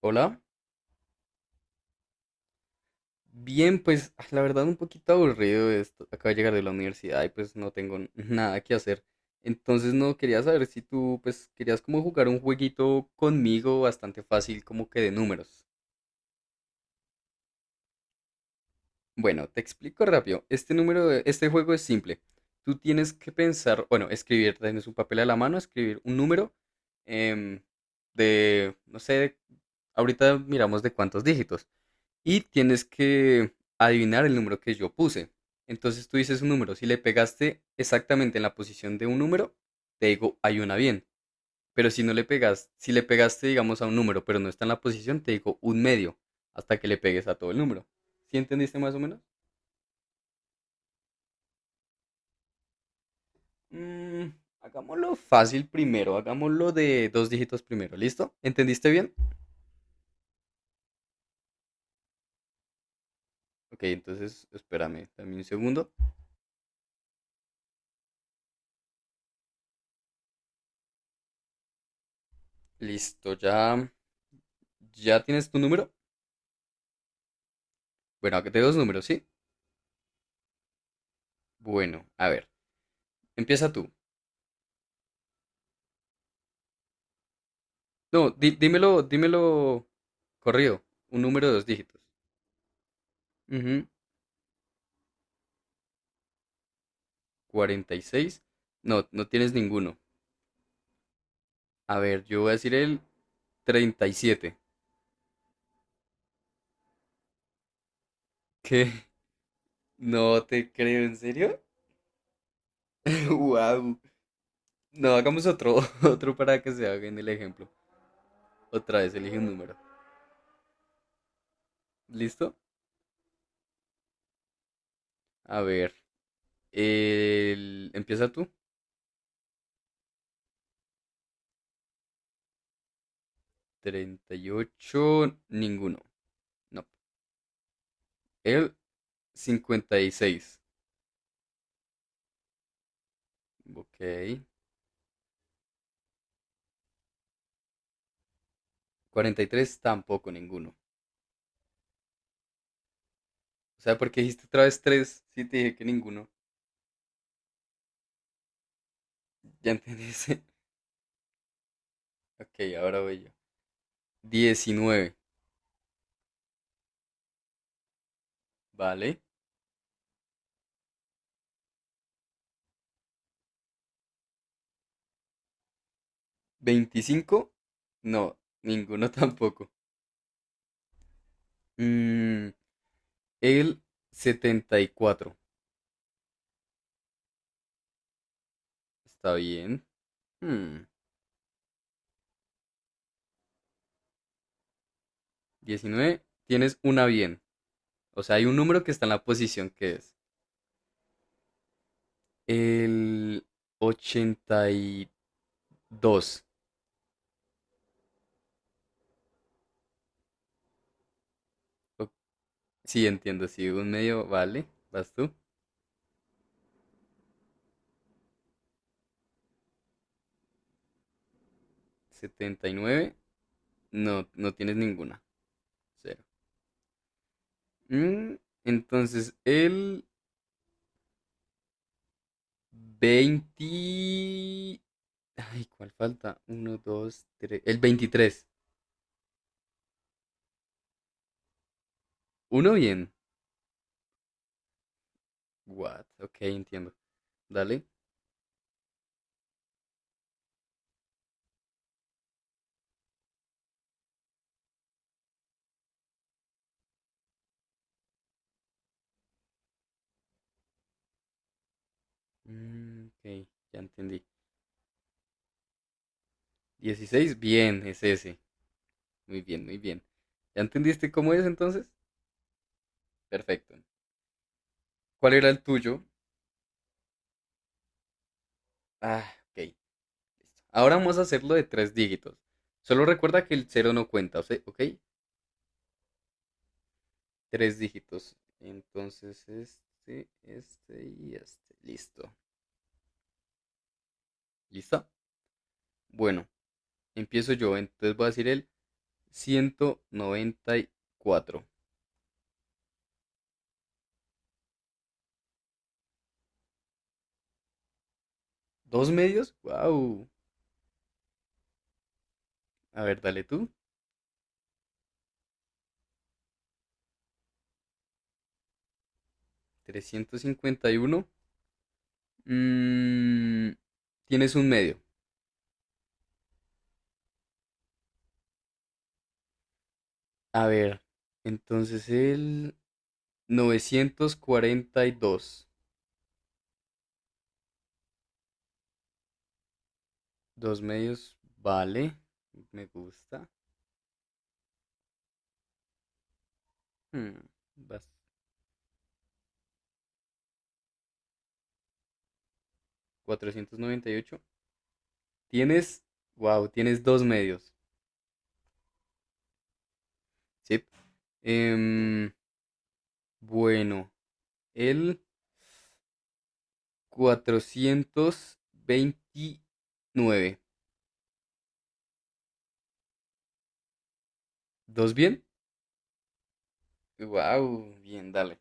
Hola. Bien, pues la verdad un poquito aburrido esto. Acabo de llegar de la universidad y pues no tengo nada que hacer. Entonces no quería saber si tú pues querías como jugar un jueguito conmigo bastante fácil como que de números. Bueno, te explico rápido. Este juego es simple. Tú tienes que pensar, bueno, escribir, tienes un papel a la mano, escribir un número em, no sé, ahorita miramos de cuántos dígitos. Y tienes que adivinar el número que yo puse. Entonces tú dices un número, si le pegaste exactamente en la posición de un número, te digo hay una bien. Pero si no le pegas, si le pegaste, digamos, a un número, pero no está en la posición, te digo un medio, hasta que le pegues a todo el número. ¿Sí entendiste más o menos? Mm, Hagámoslo fácil primero, hagámoslo de dos dígitos primero, ¿listo? ¿Entendiste bien? Ok, entonces espérame también un segundo. Listo, ya, ya tienes tu número. Bueno, de dos números, ¿sí? Bueno, a ver, empieza tú. No, dímelo, dímelo corrido, un número de dos dígitos. Ujú, 46. No, no tienes ninguno. A ver, yo voy a decir el 37. ¿Qué? No te creo, ¿en serio? Wow. No, hagamos otro, otro para que se haga en el ejemplo. Otra vez, elige un número. ¿Listo? A ver, empieza tú. 38, ninguno. No. El 56. Ok. 43 tampoco ninguno. O sea, porque dijiste otra vez 3, sí te dije que ninguno. Ya entendiste. Ok, ahora voy yo. 19, ¿vale? 25, no, ninguno tampoco. Mm, el 74, está bien. Hmm, 19, tienes una bien. O sea, hay un número que está en la posición que es. El 82. O- Sí, entiendo, sí, un medio, vale. ¿Vas tú? Setenta y nueve. No, no tienes ninguna. Cero. Mm, entonces, el 20... Ay, ¿cuál falta? Uno, dos, tres. El 23. Uno bien. What? Ok, entiendo. Dale. Ok, ya entendí. 16 bien, es ese. Muy bien, muy bien. ¿Ya entendiste cómo es entonces? Perfecto. ¿Cuál era el tuyo? Ah, ok. Listo. Ahora vamos a hacerlo de tres dígitos. Solo recuerda que el cero no cuenta, o sea, ¿ok? Tres dígitos. Entonces, este y este. Listo. ¿Listo? Bueno, empiezo yo. Entonces voy a decir el 194. ¿Dos medios? ¡Wow! A ver, dale tú. 351. Mm, Tienes un medio. A ver, entonces el 942. Dos medios, vale. Me gusta. Hmm, vas- 498. Tienes, wow, tienes dos medios, ¿sí? Em, bueno, el 429. ¿Dos bien? Wow, bien, dale.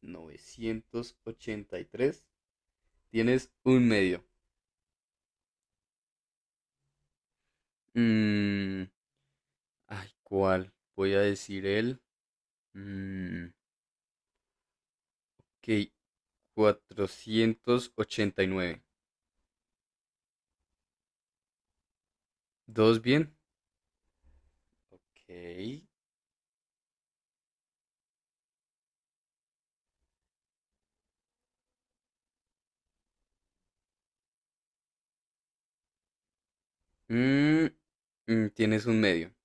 983. Tienes un medio. Mm, Ay, ¿cuál? Voy a decir mm, ok, 489. ¿Dos bien? Ok. Mm, Tienes un medio.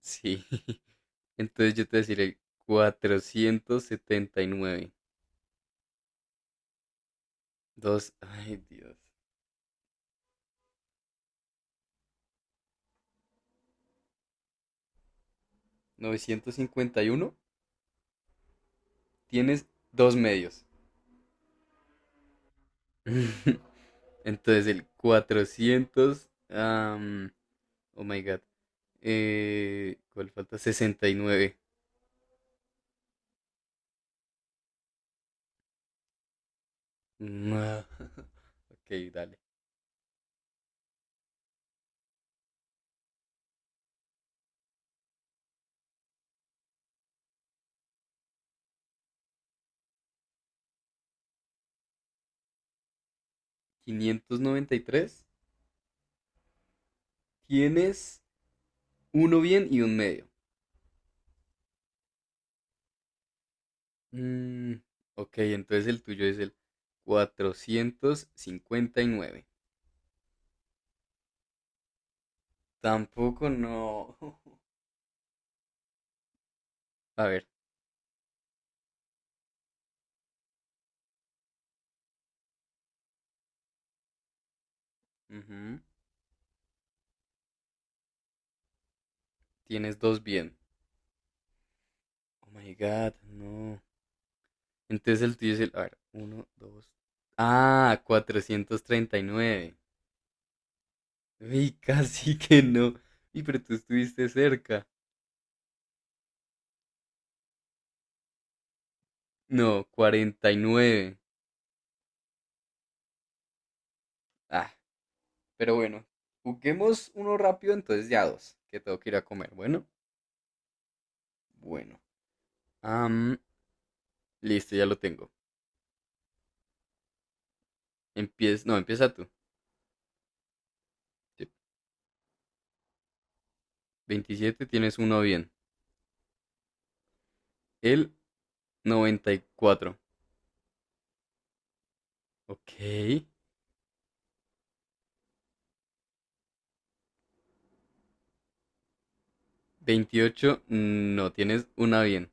Sí. Entonces yo te deciré 479. Dos, ay Dios. 951. Tienes dos medios. Entonces el 400, oh my God. ¿Cuál falta? 69. No. Ok, dale. 593. Tienes uno bien y un medio. Mm, ok, entonces el tuyo es el 459. Tampoco no. A ver, Ujú. Tienes dos bien. Oh my god, no. Entonces el tuyo es el. A ver, uno, dos. Ah, 439. Uy, casi que no. Y pero tú estuviste cerca. No, 49. Ah, pero bueno. Juguemos uno rápido, entonces ya dos. Que tengo que ir a comer. Bueno. Bueno, Am, listo, ya lo tengo. Empieza, no, empieza tú. Sí, 27 tienes uno bien. El 94. Ok. 28. No tienes una bien.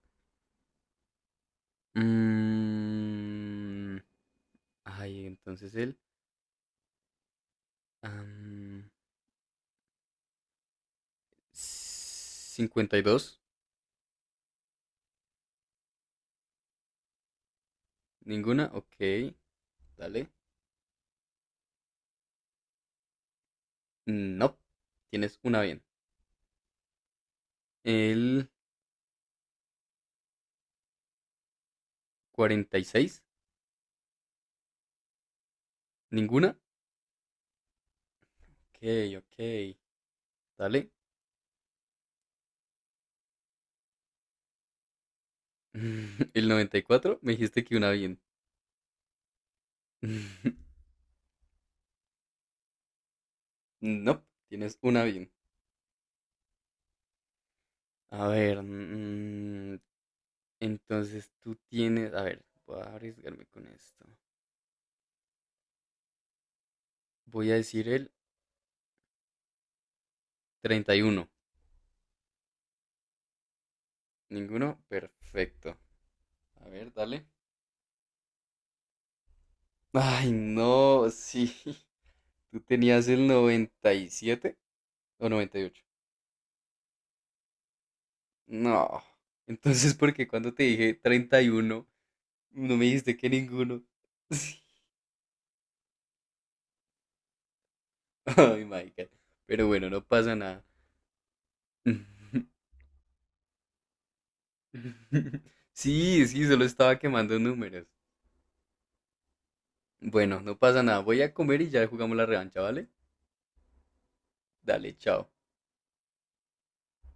Mm, Ay, entonces am, 52. Ninguna. Ok. Dale. No. Tienes una bien. El 46. Ninguna. Ok, ok. Dale. El 94. Me dijiste que una bien. No. Tienes una bien. A ver. Entonces tú tienes, a ver, voy a arriesgarme con esto. Voy a decir el 31. ¿Ninguno? Perfecto. A ver, dale. Ay, no, sí. Tú tenías el 97 o 98. No. Entonces, ¿por qué cuando te dije 31 no me dijiste que ninguno? Sí. Ay, my God. Pero bueno, no pasa nada. Sí, sí, solo estaba quemando números. Bueno, no pasa nada. Voy a comer y ya jugamos la revancha, ¿vale? Dale, chao.